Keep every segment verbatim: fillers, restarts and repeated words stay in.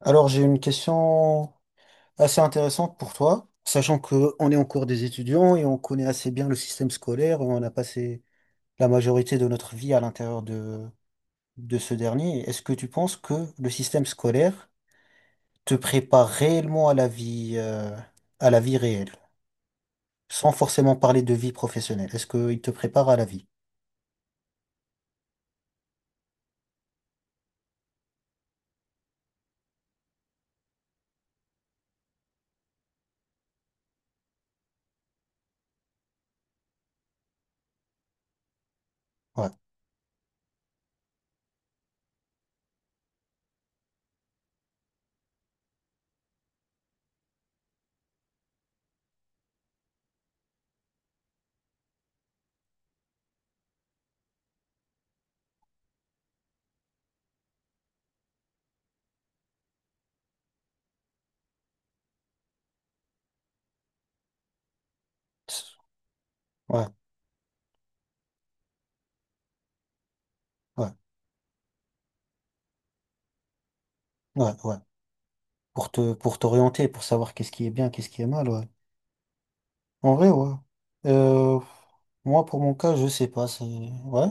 Alors, j'ai une question assez intéressante pour toi, sachant qu'on est en cours des étudiants et on connaît assez bien le système scolaire, on a passé la majorité de notre vie à l'intérieur de, de ce dernier. Est-ce que tu penses que le système scolaire te prépare réellement à la vie, euh, à la vie réelle, sans forcément parler de vie professionnelle? Est-ce qu'il te prépare à la vie? Ouais, ouais, ouais, ouais, ouais. Pour te, pour t'orienter, pour savoir qu'est-ce qui est bien, qu'est-ce qui est mal, ouais. En vrai, ouais. Euh, Moi, pour mon cas, je sais pas. c'est- Ouais.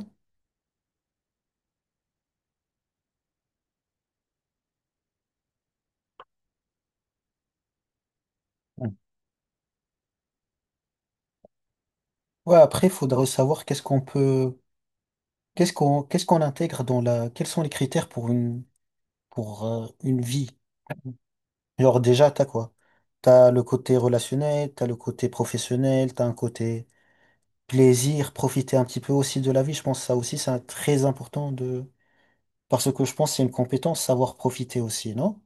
Mm. Ouais, après, il faudrait savoir qu'est-ce qu'on peut, qu'est-ce qu'on, qu'est-ce qu'on intègre dans la, quels sont les critères pour une, pour euh, une vie. Genre déjà, t'as quoi? T'as le côté relationnel, t'as le côté professionnel, t'as un côté plaisir, profiter un petit peu aussi de la vie. Je pense que ça aussi, c'est un- très important de, parce que je pense que c'est une compétence, savoir profiter aussi, non?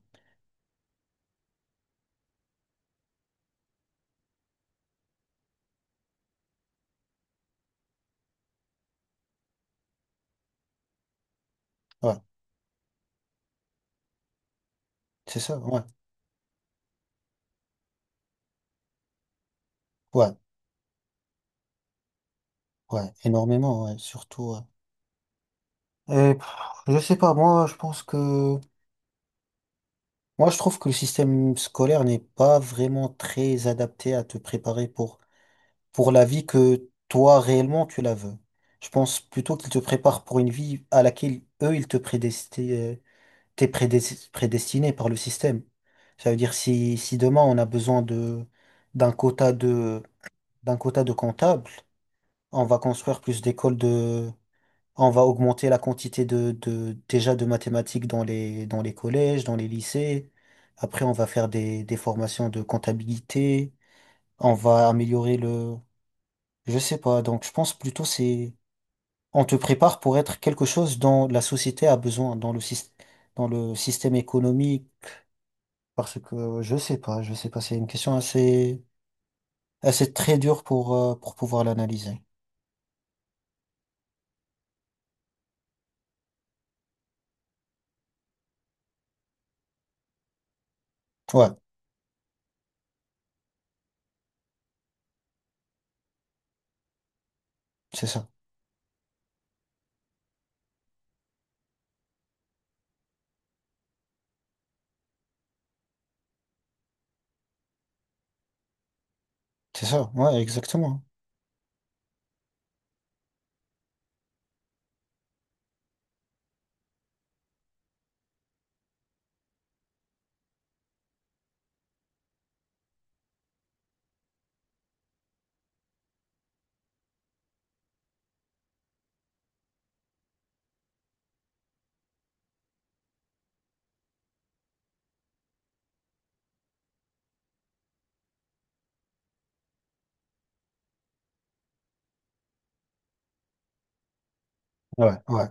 Ouais, c'est ça, ouais, ouais, ouais, énormément, ouais, surtout. Ouais. Et, pff, je sais pas, moi je pense que moi je trouve que le système scolaire n'est pas vraiment très adapté à te préparer pour pour la vie que toi réellement tu la veux. Je pense plutôt qu'il te prépare pour une vie à laquelle eux ils te prédestinaient, t'es prédes- prédestiné par le système. Ça veut dire si si demain on a besoin de d'un quota de d'un quota de comptables, on va construire plus d'écoles. On va augmenter la quantité de, de déjà de mathématiques dans les dans les collèges, dans les lycées. Après, on va faire des, des formations de comptabilité. On va améliorer le, je sais pas. Donc, je pense plutôt c'est on te prépare pour être quelque chose dont la société a besoin dans le syst- dans le système économique. Parce que je sais pas, je sais pas. C'est une question assez assez très dure pour euh, pour pouvoir l'analyser. Ouais, c'est ça, c'est ça. Ouais, exactement. Ouais, ouais,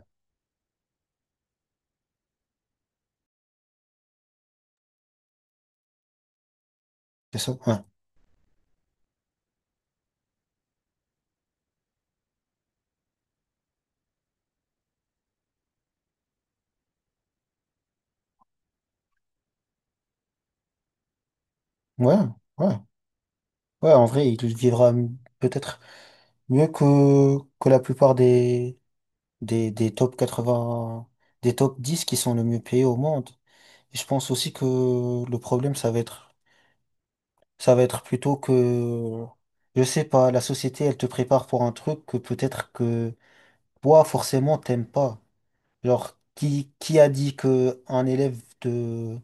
c'est ça. Ouais, ouais, ouais. Ouais, en vrai, il vivra m- peut-être mieux que, que la plupart des, des, des top quatre-vingts, des top dix qui sont le mieux payés au monde. Et je pense aussi que le problème, ça va être, ça va être plutôt que, je sais pas, la société, elle te prépare pour un truc que peut-être que toi, forcément, t'aimes pas. Genre, qui, qui a dit que un élève de,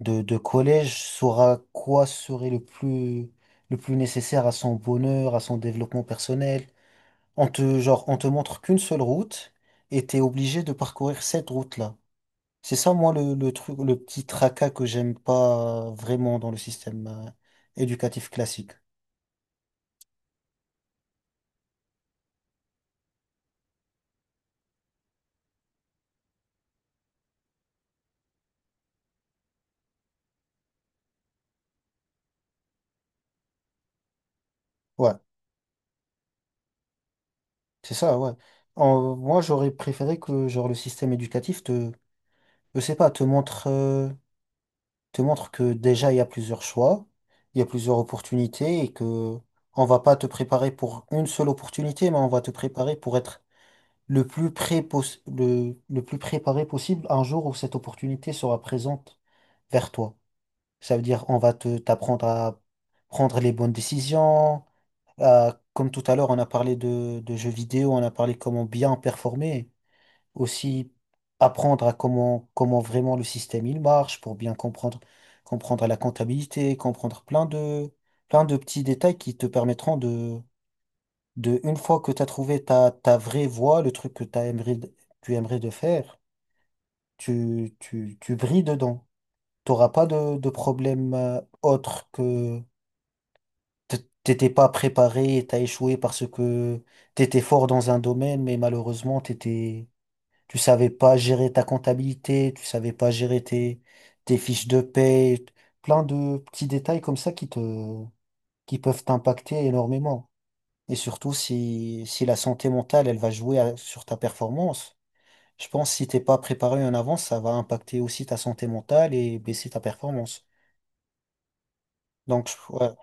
de, de collège saura quoi serait le plus, le plus nécessaire à son bonheur, à son développement personnel? On te, genre, on te montre qu'une seule route et t'es obligé de parcourir cette route-là. C'est ça, moi, le, le truc, le petit tracas que j'aime pas euh, vraiment dans le système euh, éducatif classique. Ouais, c'est ça, ouais. En- moi, j'aurais préféré que, genre, le système éducatif te, je sais pas, te montre, euh, te montre que déjà, il y a plusieurs choix, il y a plusieurs opportunités et que on va pas te préparer pour une seule opportunité, mais on va te préparer pour être le plus près poss- le, le plus préparé possible un jour où cette opportunité sera présente vers toi. Ça veut dire on va te t'apprendre à prendre les bonnes décisions. À- comme tout à l'heure, on a parlé de, de jeux vidéo, on a parlé comment bien performer. Aussi apprendre à comment, comment vraiment le système il marche pour bien comprendre, comprendre la comptabilité, comprendre plein de, plein de petits détails qui te permettront de une fois que tu as trouvé ta, ta vraie voie, le truc que t'as aimerais, de- tu aimerais de faire, tu, tu, tu brilles dedans. T'auras pas de, de problème euh, autre que t- t'étais pas préparé, t'as échoué parce que t'étais fort dans un domaine, mais malheureusement t'étais, tu savais pas gérer ta comptabilité, tu savais pas gérer tes, tes fiches de paie, plein de petits détails comme ça qui te, qui peuvent t'impacter énormément. Et surtout, si, si la santé mentale, elle va jouer à- sur ta performance, je pense que si t'es pas préparé en avance, ça va impacter aussi ta santé mentale et baisser ta performance. Donc, je- ouais,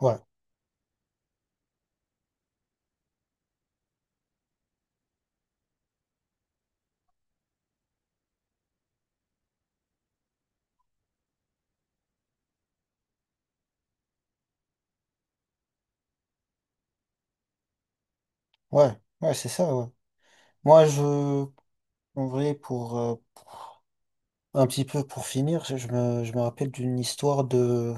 ouais, ouais, ouais, c'est ça, ouais. Moi, je, en vrai, pour, euh, un petit peu pour finir, je, je me, je me rappelle d'une histoire de,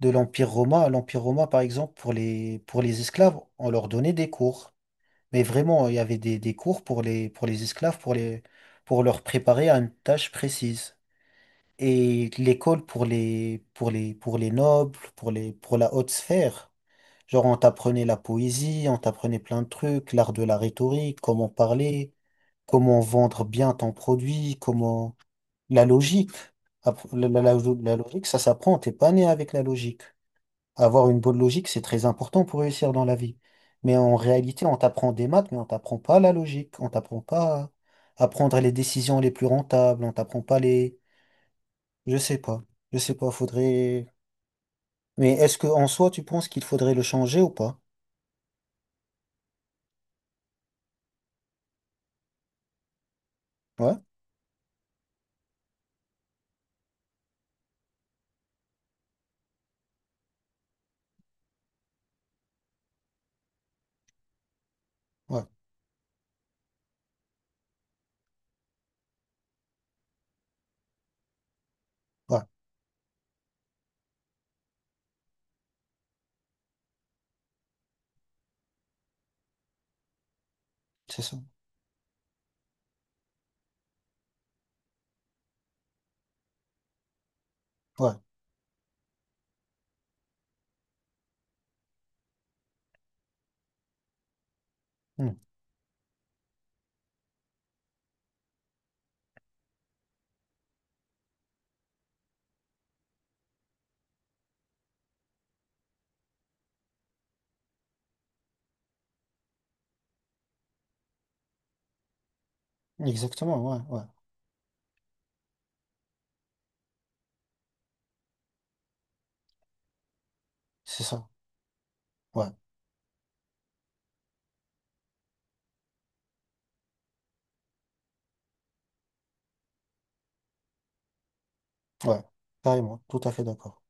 de l'Empire romain. L'Empire romain, par exemple, pour les, pour les esclaves, on leur donnait des cours. Mais vraiment, il y avait des, des cours pour les, pour les esclaves, pour les, pour leur préparer à une tâche précise. Et l'école pour les, pour les, pour les nobles, pour les, pour la haute sphère. Genre, on t'apprenait la poésie, on t'apprenait plein de trucs, l'art de la rhétorique, comment parler, comment vendre bien ton produit, comment, la logique. Appr- La, la- la- la logique, ça s'apprend, t'es pas né avec la logique. Avoir une bonne logique, c'est très important pour réussir dans la vie. Mais en réalité, on t'apprend des maths, mais on t'apprend pas la logique, on t'apprend pas à prendre les décisions les plus rentables, on t'apprend pas les, je sais pas. Je sais pas, faudrait. Mais est-ce que en soi, tu penses qu'il faudrait le changer ou pas? Ouais, ouais, ouais, c'est ça. Ouais, hmm, exactement, ouais, ouais, c'est ça. Ouais, ouais, carrément, tout à fait d'accord.